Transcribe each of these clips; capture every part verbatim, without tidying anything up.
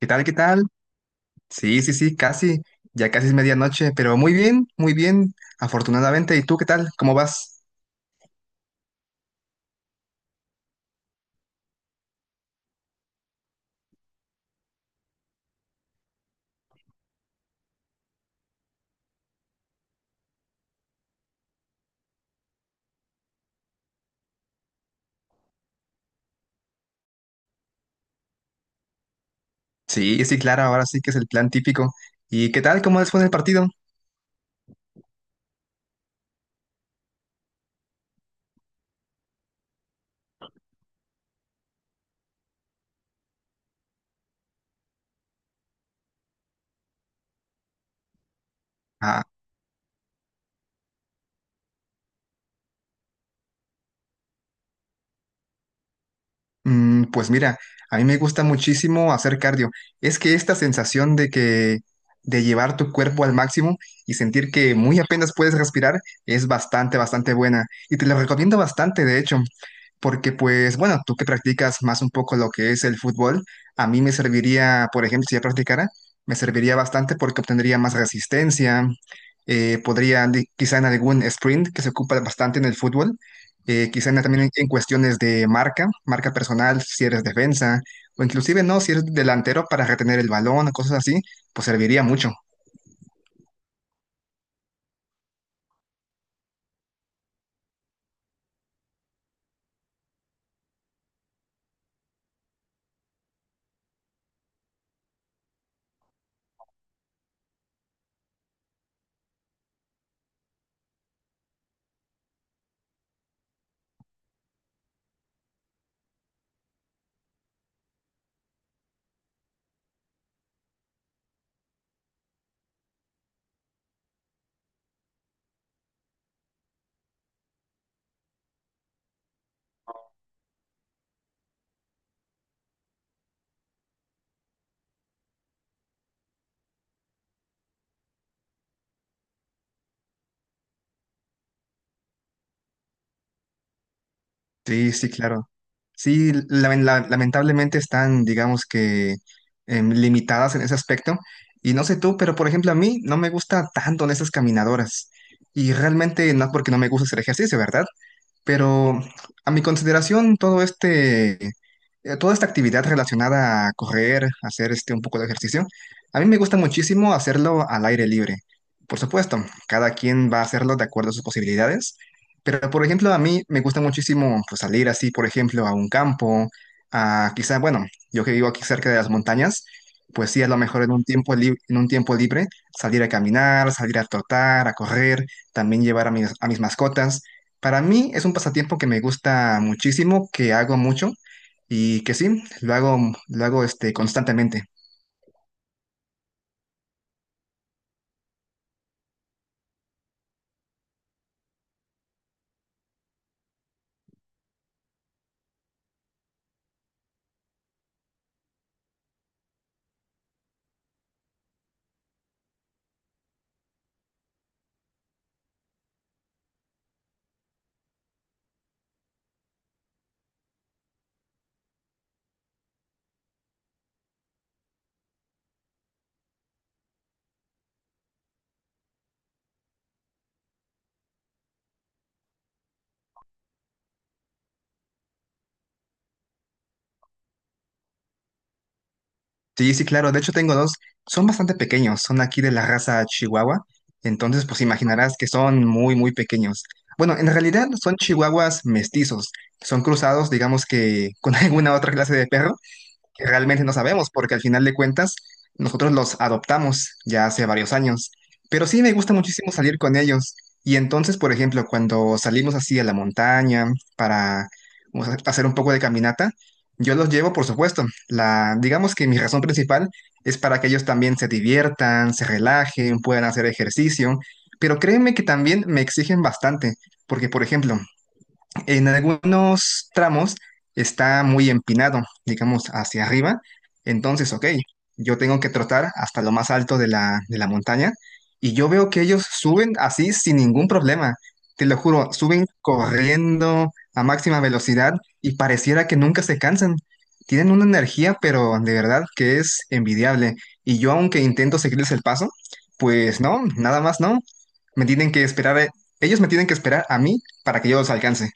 ¿Qué tal? ¿Qué tal? Sí, sí, sí, casi. Ya casi es medianoche, pero muy bien, muy bien, afortunadamente. ¿Y tú qué tal? ¿Cómo vas? Sí, sí, claro, ahora sí que es el plan típico. ¿Y qué tal? ¿Cómo les fue en el partido? Ah, Mm, pues mira, a mí me gusta muchísimo hacer cardio. Es que esta sensación de que de llevar tu cuerpo al máximo y sentir que muy apenas puedes respirar es bastante, bastante buena. Y te lo recomiendo bastante, de hecho, porque pues bueno, tú que practicas más un poco lo que es el fútbol, a mí me serviría, por ejemplo, si ya practicara, me serviría bastante porque obtendría más resistencia, eh, podría di- quizá en algún sprint que se ocupa bastante en el fútbol, eh, quizás na- también en, en cuestiones de marca, marca personal, si eres defensa, o inclusive no, si eres delantero para retener el balón o cosas así, pues serviría mucho. Sí, sí, claro. Sí, la- la- lamentablemente están, digamos que, em, limitadas en ese aspecto. Y no sé tú, pero por ejemplo a mí no me gusta tanto en esas caminadoras. Y realmente no es porque no me gusta hacer ejercicio, ¿verdad? Pero a mi consideración, todo este, eh, toda esta actividad relacionada a correr, hacer este un poco de ejercicio, a mí me gusta muchísimo hacerlo al aire libre. Por supuesto, cada quien va a hacerlo de acuerdo a sus posibilidades, pero por ejemplo, a mí me gusta muchísimo pues, salir así, por ejemplo, a un campo, a quizá, bueno, yo que vivo aquí cerca de las montañas, pues sí, a lo mejor en un tiempo lib- en un tiempo libre, salir a caminar, salir a trotar, a correr, también llevar a mis, a mis mascotas. Para mí es un pasatiempo que me gusta muchísimo, que hago mucho y que sí, lo hago, lo hago este, constantemente. Sí, sí, claro, de hecho tengo dos, son bastante pequeños, son aquí de la raza Chihuahua, entonces pues imaginarás que son muy, muy pequeños. Bueno, en realidad son chihuahuas mestizos, son cruzados, digamos que con alguna otra clase de perro, que realmente no sabemos, porque al final de cuentas nosotros los adoptamos ya hace varios años. Pero sí me gusta muchísimo salir con ellos. Y entonces, por ejemplo, cuando salimos así a la montaña para, o sea, hacer un poco de caminata, yo los llevo, por supuesto. La, digamos que mi razón principal es para que ellos también se diviertan, se relajen, puedan hacer ejercicio. Pero créeme que también me exigen bastante, porque, por ejemplo, en algunos tramos está muy empinado, digamos, hacia arriba. Entonces, ok, yo tengo que trotar hasta lo más alto de la, de la montaña y yo veo que ellos suben así sin ningún problema. Te lo juro, suben corriendo a máxima velocidad y pareciera que nunca se cansan. Tienen una energía, pero de verdad que es envidiable. Y yo, aunque intento seguirles el paso, pues no, nada más no. Me tienen que esperar, eh, ellos me tienen que esperar a mí para que yo los alcance.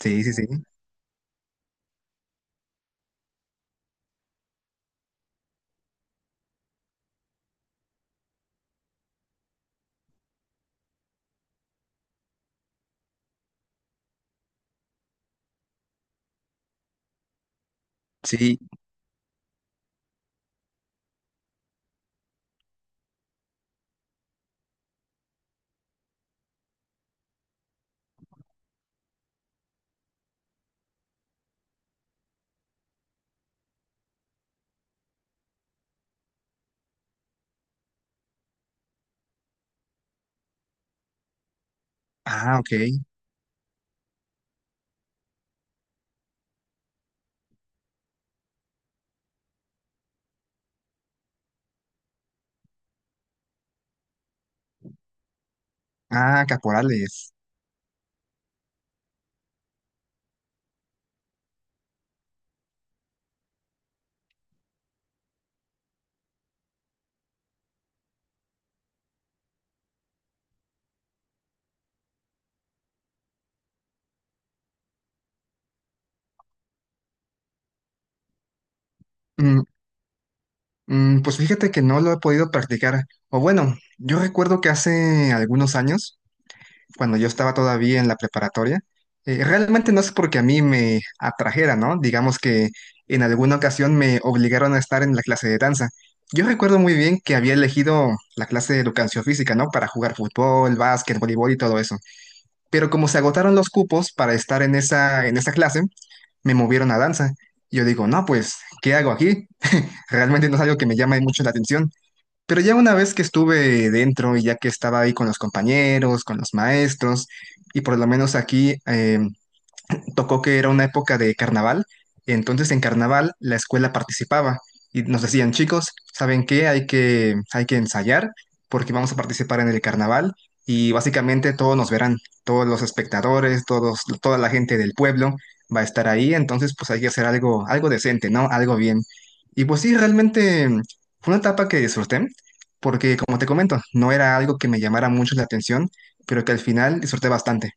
Sí, sí, sí. Sí. Ah, ok. Ah, caporales. Mm, mm, pues fíjate que no lo he podido practicar. O bueno, yo recuerdo que hace algunos años, cuando yo estaba todavía en la preparatoria, eh, realmente no es porque a mí me atrajera, ¿no? Digamos que en alguna ocasión me obligaron a estar en la clase de danza. Yo recuerdo muy bien que había elegido la clase de educación física, ¿no? Para jugar fútbol, básquet, voleibol y todo eso. Pero como se agotaron los cupos para estar en esa, en esa clase, me movieron a danza. Yo digo, no, pues, ¿qué hago aquí? Realmente no es algo que me llame mucho la atención. Pero ya una vez que estuve dentro y ya que estaba ahí con los compañeros, con los maestros, y por lo menos aquí eh, tocó que era una época de carnaval, entonces en carnaval la escuela participaba y nos decían, chicos, ¿saben qué? Hay que, hay que ensayar porque vamos a participar en el carnaval y básicamente todos nos verán, todos los espectadores, todos, toda la gente del pueblo va a estar ahí, entonces pues hay que hacer algo, algo decente, ¿no? Algo bien. Y pues sí, realmente fue una etapa que disfruté, porque como te comento, no era algo que me llamara mucho la atención, pero que al final disfruté bastante.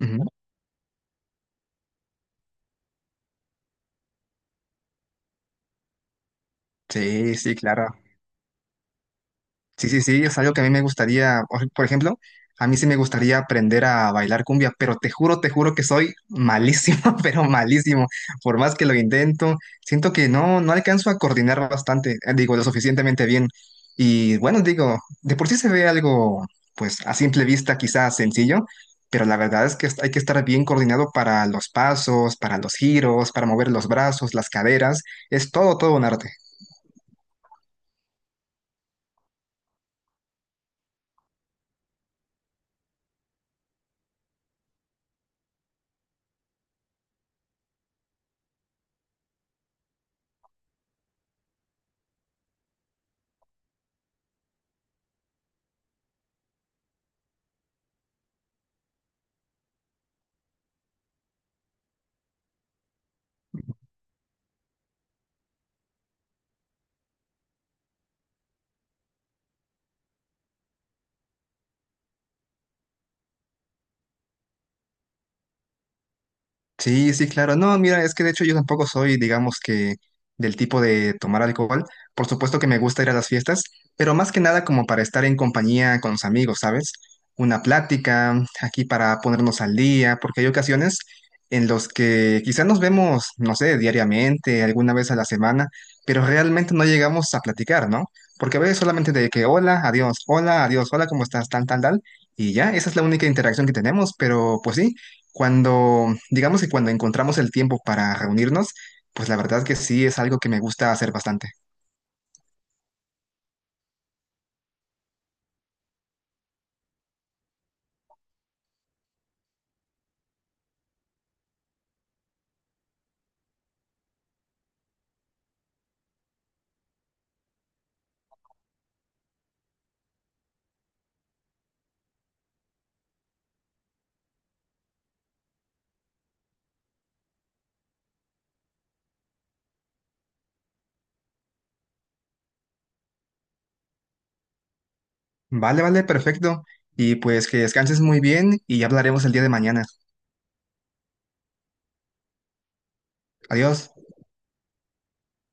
Ujú. Sí, sí, claro. Sí, sí, sí, es algo que a mí me gustaría, o- por ejemplo, a mí sí me gustaría aprender a bailar cumbia, pero te juro, te juro que soy malísimo, pero malísimo. Por más que lo intento, siento que no, no alcanzo a coordinar bastante, eh, digo, lo suficientemente bien. Y bueno, digo, de por sí se ve algo, pues a simple vista quizás sencillo, pero la verdad es que hay que estar bien coordinado para los pasos, para los giros, para mover los brazos, las caderas, es todo, todo un arte. Sí, sí, claro. No, mira, es que de hecho yo tampoco soy, digamos que, del tipo de tomar alcohol. Por supuesto que me gusta ir a las fiestas, pero más que nada como para estar en compañía con los amigos, ¿sabes? Una plática, aquí para ponernos al día, porque hay ocasiones en los que quizás nos vemos, no sé, diariamente, alguna vez a la semana, pero realmente no llegamos a platicar, ¿no? Porque a veces solamente de que hola, adiós, hola, adiós, hola, ¿cómo estás? Tal, tal, tal. Y ya, esa es la única interacción que tenemos, pero pues sí. Cuando, digamos que cuando encontramos el tiempo para reunirnos, pues la verdad que sí es algo que me gusta hacer bastante. Vale, vale, perfecto. Y pues que descanses muy bien y ya hablaremos el día de mañana. Adiós.